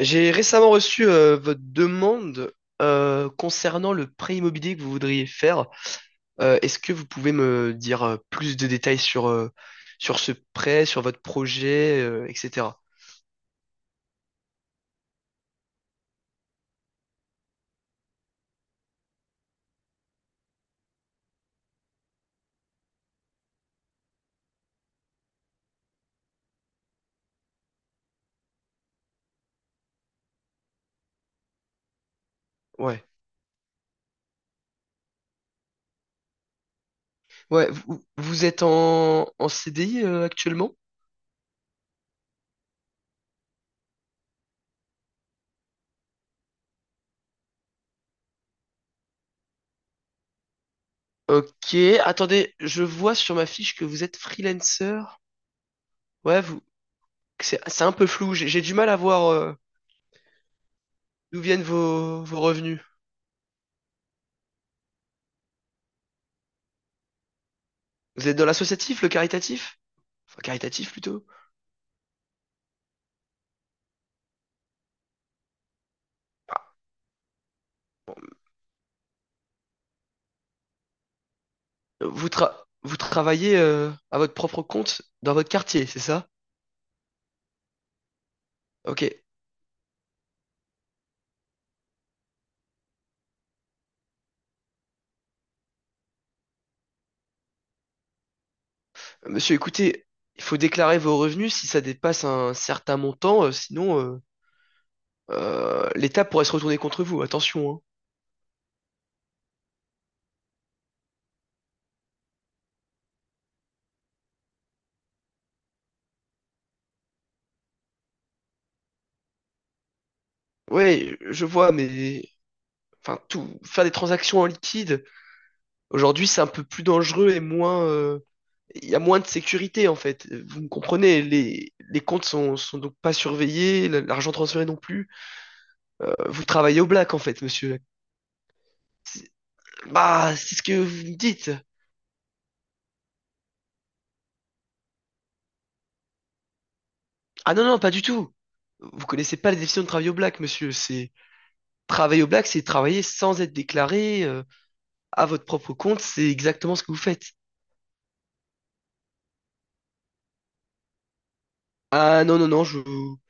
J'ai récemment reçu votre demande concernant le prêt immobilier que vous voudriez faire. Est-ce que vous pouvez me dire plus de détails sur, sur ce prêt, sur votre projet, etc. Ouais. Ouais, vous êtes en CDI actuellement? Ok, attendez, je vois sur ma fiche que vous êtes freelancer. Ouais, vous, c'est un peu flou, j'ai du mal à voir d'où viennent vos, vos revenus. Vous êtes dans l'associatif, le caritatif? Enfin, caritatif plutôt. Vous, tra- Vous travaillez à votre propre compte dans votre quartier, c'est ça? Ok. Monsieur, écoutez, il faut déclarer vos revenus si ça dépasse un certain montant, sinon l'État pourrait se retourner contre vous. Attention, hein. Ouais, je vois, mais enfin tout faire des transactions en liquide, aujourd'hui c'est un peu plus dangereux et moins il y a moins de sécurité en fait. Vous me comprenez, les comptes sont, sont donc pas surveillés, l'argent transféré non plus. Vous travaillez au black en fait, monsieur. Bah, c'est ce que vous me dites. Ah non, non, pas du tout. Vous connaissez pas les définitions de travail au black, monsieur. C'est travailler au black, c'est travailler sans être déclaré à votre propre compte. C'est exactement ce que vous faites. Ah non, non, non,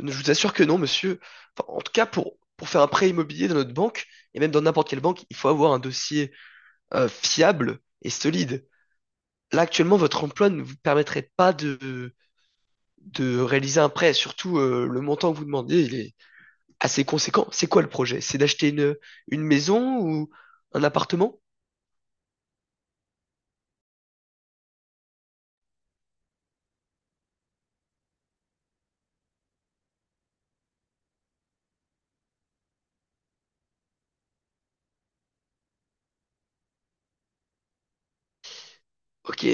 je vous assure que non, monsieur. Enfin, en tout cas, pour faire un prêt immobilier dans notre banque, et même dans n'importe quelle banque, il faut avoir un dossier fiable et solide. Là, actuellement, votre emploi ne vous permettrait pas de, de réaliser un prêt. Surtout, le montant que vous demandez, assez conséquent. C'est quoi le projet? C'est d'acheter une maison ou un appartement? Ok,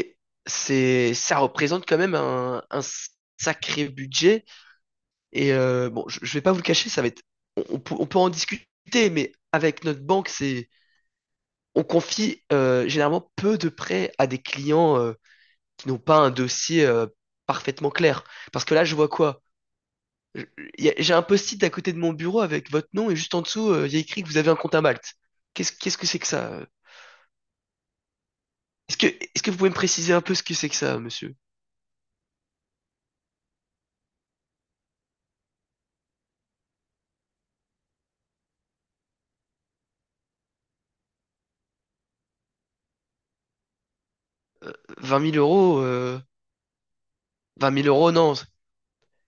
c'est, ça représente quand même un sacré budget. Et bon, je vais pas vous le cacher, ça va être, on peut en discuter, mais avec notre banque, c'est, on confie généralement peu de prêts à des clients qui n'ont pas un dossier parfaitement clair. Parce que là, je vois quoi? Je- J'ai un post-it à côté de mon bureau avec votre nom et juste en dessous, il y a écrit que vous avez un compte à Malte. Qu'est-ce que c'est que ça? Est-ce que vous pouvez me préciser un peu ce que c'est que ça, monsieur? 20 000 euros, 20 000 euros, non,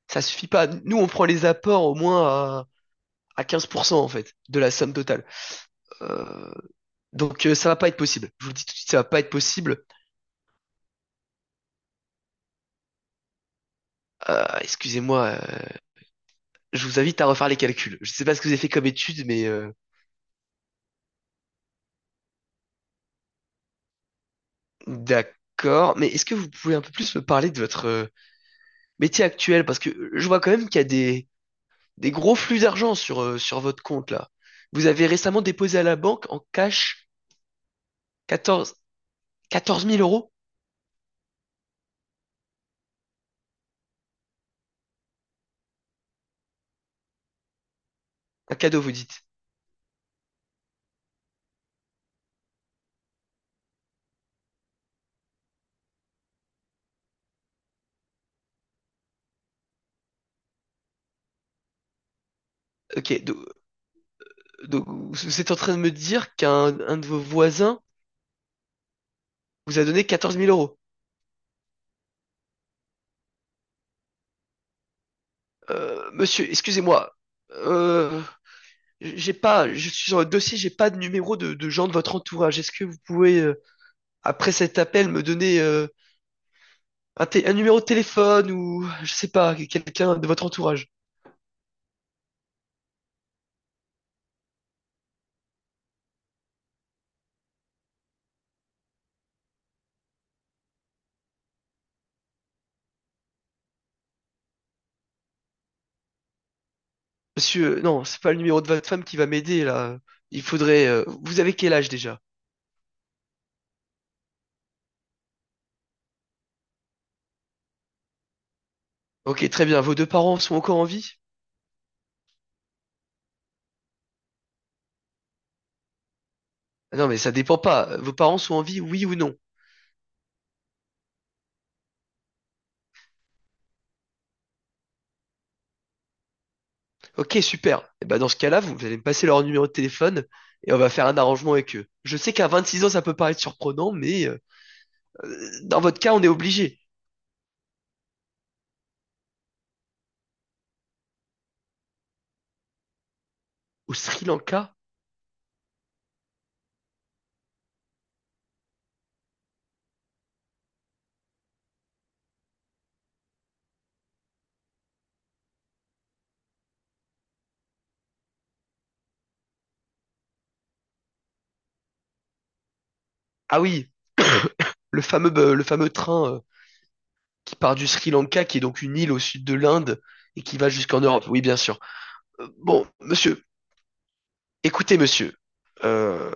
ça suffit pas. Nous, on prend les apports au moins à 15% en fait de la somme totale. Euh, donc ça va pas être possible. Je vous le dis tout de suite, ça va pas être possible. Excusez-moi, je vous invite à refaire les calculs. Je sais pas ce que vous avez fait comme étude, mais d'accord. Mais est-ce que vous pouvez un peu plus me parler de votre métier actuel? Parce que je vois quand même qu'il y a des gros flux d'argent sur votre compte là. Vous avez récemment déposé à la banque en cash 14, 14 000 euros? Un cadeau, vous dites. Ok, do- donc, vous êtes en train de me dire qu'un de vos voisins vous a donné 14 000 euros. Monsieur, excusez-moi. Euh, j'ai pas, je suis sur le dossier, j'ai pas de numéro de gens de votre entourage. Est-ce que vous pouvez, après cet appel, me donner, un numéro de téléphone ou je sais pas, quelqu'un de votre entourage. Monsieur, non, c'est pas le numéro de votre femme qui va m'aider là. Il faudrait. Vous avez quel âge déjà? Ok, très bien. Vos deux parents sont encore en vie? Ah non, mais ça dépend pas. Vos parents sont en vie, oui ou non? Ok, super. Et bah dans ce cas-là, vous, vous allez me passer leur numéro de téléphone et on va faire un arrangement avec eux. Je sais qu'à 26 ans, ça peut paraître surprenant, mais dans votre cas, on est obligé. Au Sri Lanka? Ah oui, le fameux train qui part du Sri Lanka, qui est donc une île au sud de l'Inde et qui va jusqu'en Europe. Oui, bien sûr. Bon, monsieur, écoutez, monsieur, euh,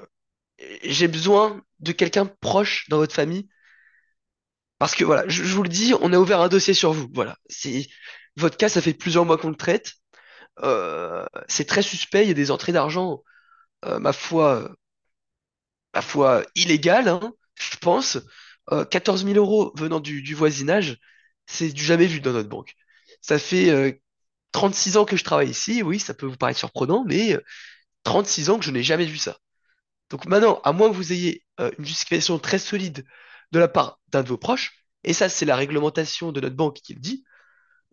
j'ai besoin de quelqu'un proche dans votre famille parce que voilà, je vous le dis, on a ouvert un dossier sur vous. Voilà, c'est votre cas, ça fait plusieurs mois qu'on le traite. C'est très suspect. Il y a des entrées d'argent, euh, ma foi, ma foi illégales, hein, je pense. 14 000 euros venant du voisinage, c'est du jamais vu dans notre banque. Ça fait 36 ans que je travaille ici. Oui, ça peut vous paraître surprenant, mais 36 ans que je n'ai jamais vu ça. Donc maintenant, à moins que vous ayez une justification très solide de la part d'un de vos proches, et ça, c'est la réglementation de notre banque qui le dit,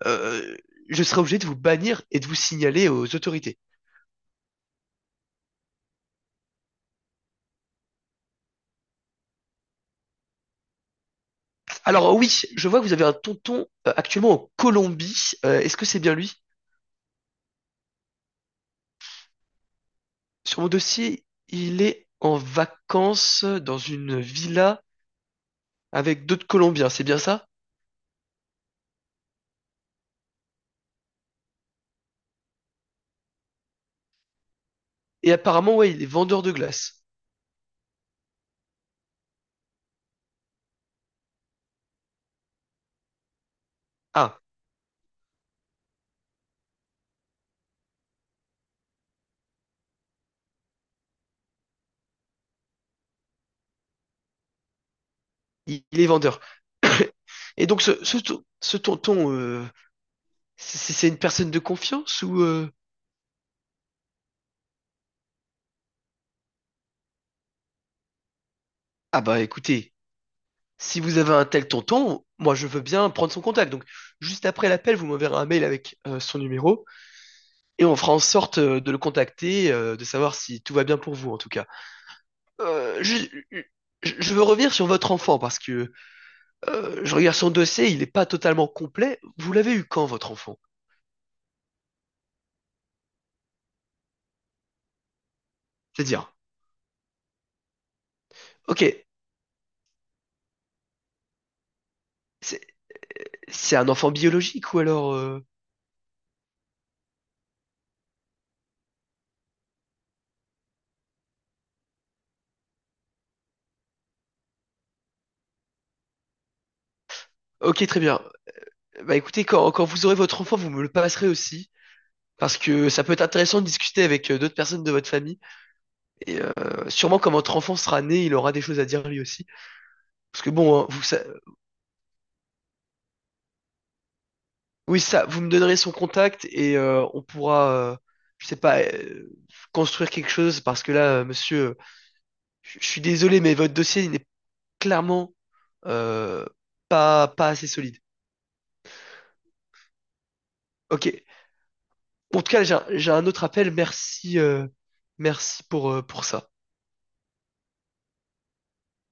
euh, je serai obligé de vous bannir et de vous signaler aux autorités. Alors oui, je vois que vous avez un tonton actuellement en Colombie. Est-ce que c'est bien lui? Sur mon dossier, il est en vacances dans une villa avec d'autres Colombiens, c'est bien ça? Et apparemment, ouais, il est vendeur de glace. Ah, il est vendeur. Et donc ce tonton, c'est une personne de confiance ou... Ah bah écoutez, si vous avez un tel tonton, moi je veux bien prendre son contact. Donc juste après l'appel, vous m'enverrez un mail avec son numéro. Et on fera en sorte de le contacter, de savoir si tout va bien pour vous en tout cas. Euh, je, je- veux revenir sur votre enfant parce que je regarde son dossier, il n'est pas totalement complet. Vous l'avez eu quand votre enfant? C'est-à-dire, ok, c'est c'est un enfant biologique ou alors... Ok, très bien. Bah écoutez, quand, quand vous aurez votre enfant, vous me le passerez aussi. Parce que ça peut être intéressant de discuter avec d'autres personnes de votre famille. Et sûrement quand votre enfant sera né, il aura des choses à dire lui aussi. Parce que bon, hein, vous, sa- Oui, ça, vous me donnerez son contact et on pourra, je sais pas, construire quelque chose parce que là, monsieur, je suis désolé, mais votre dossier il n'est clairement euh, pas assez solide. Ok. En tout cas, j'ai un autre appel. Merci, merci pour ça.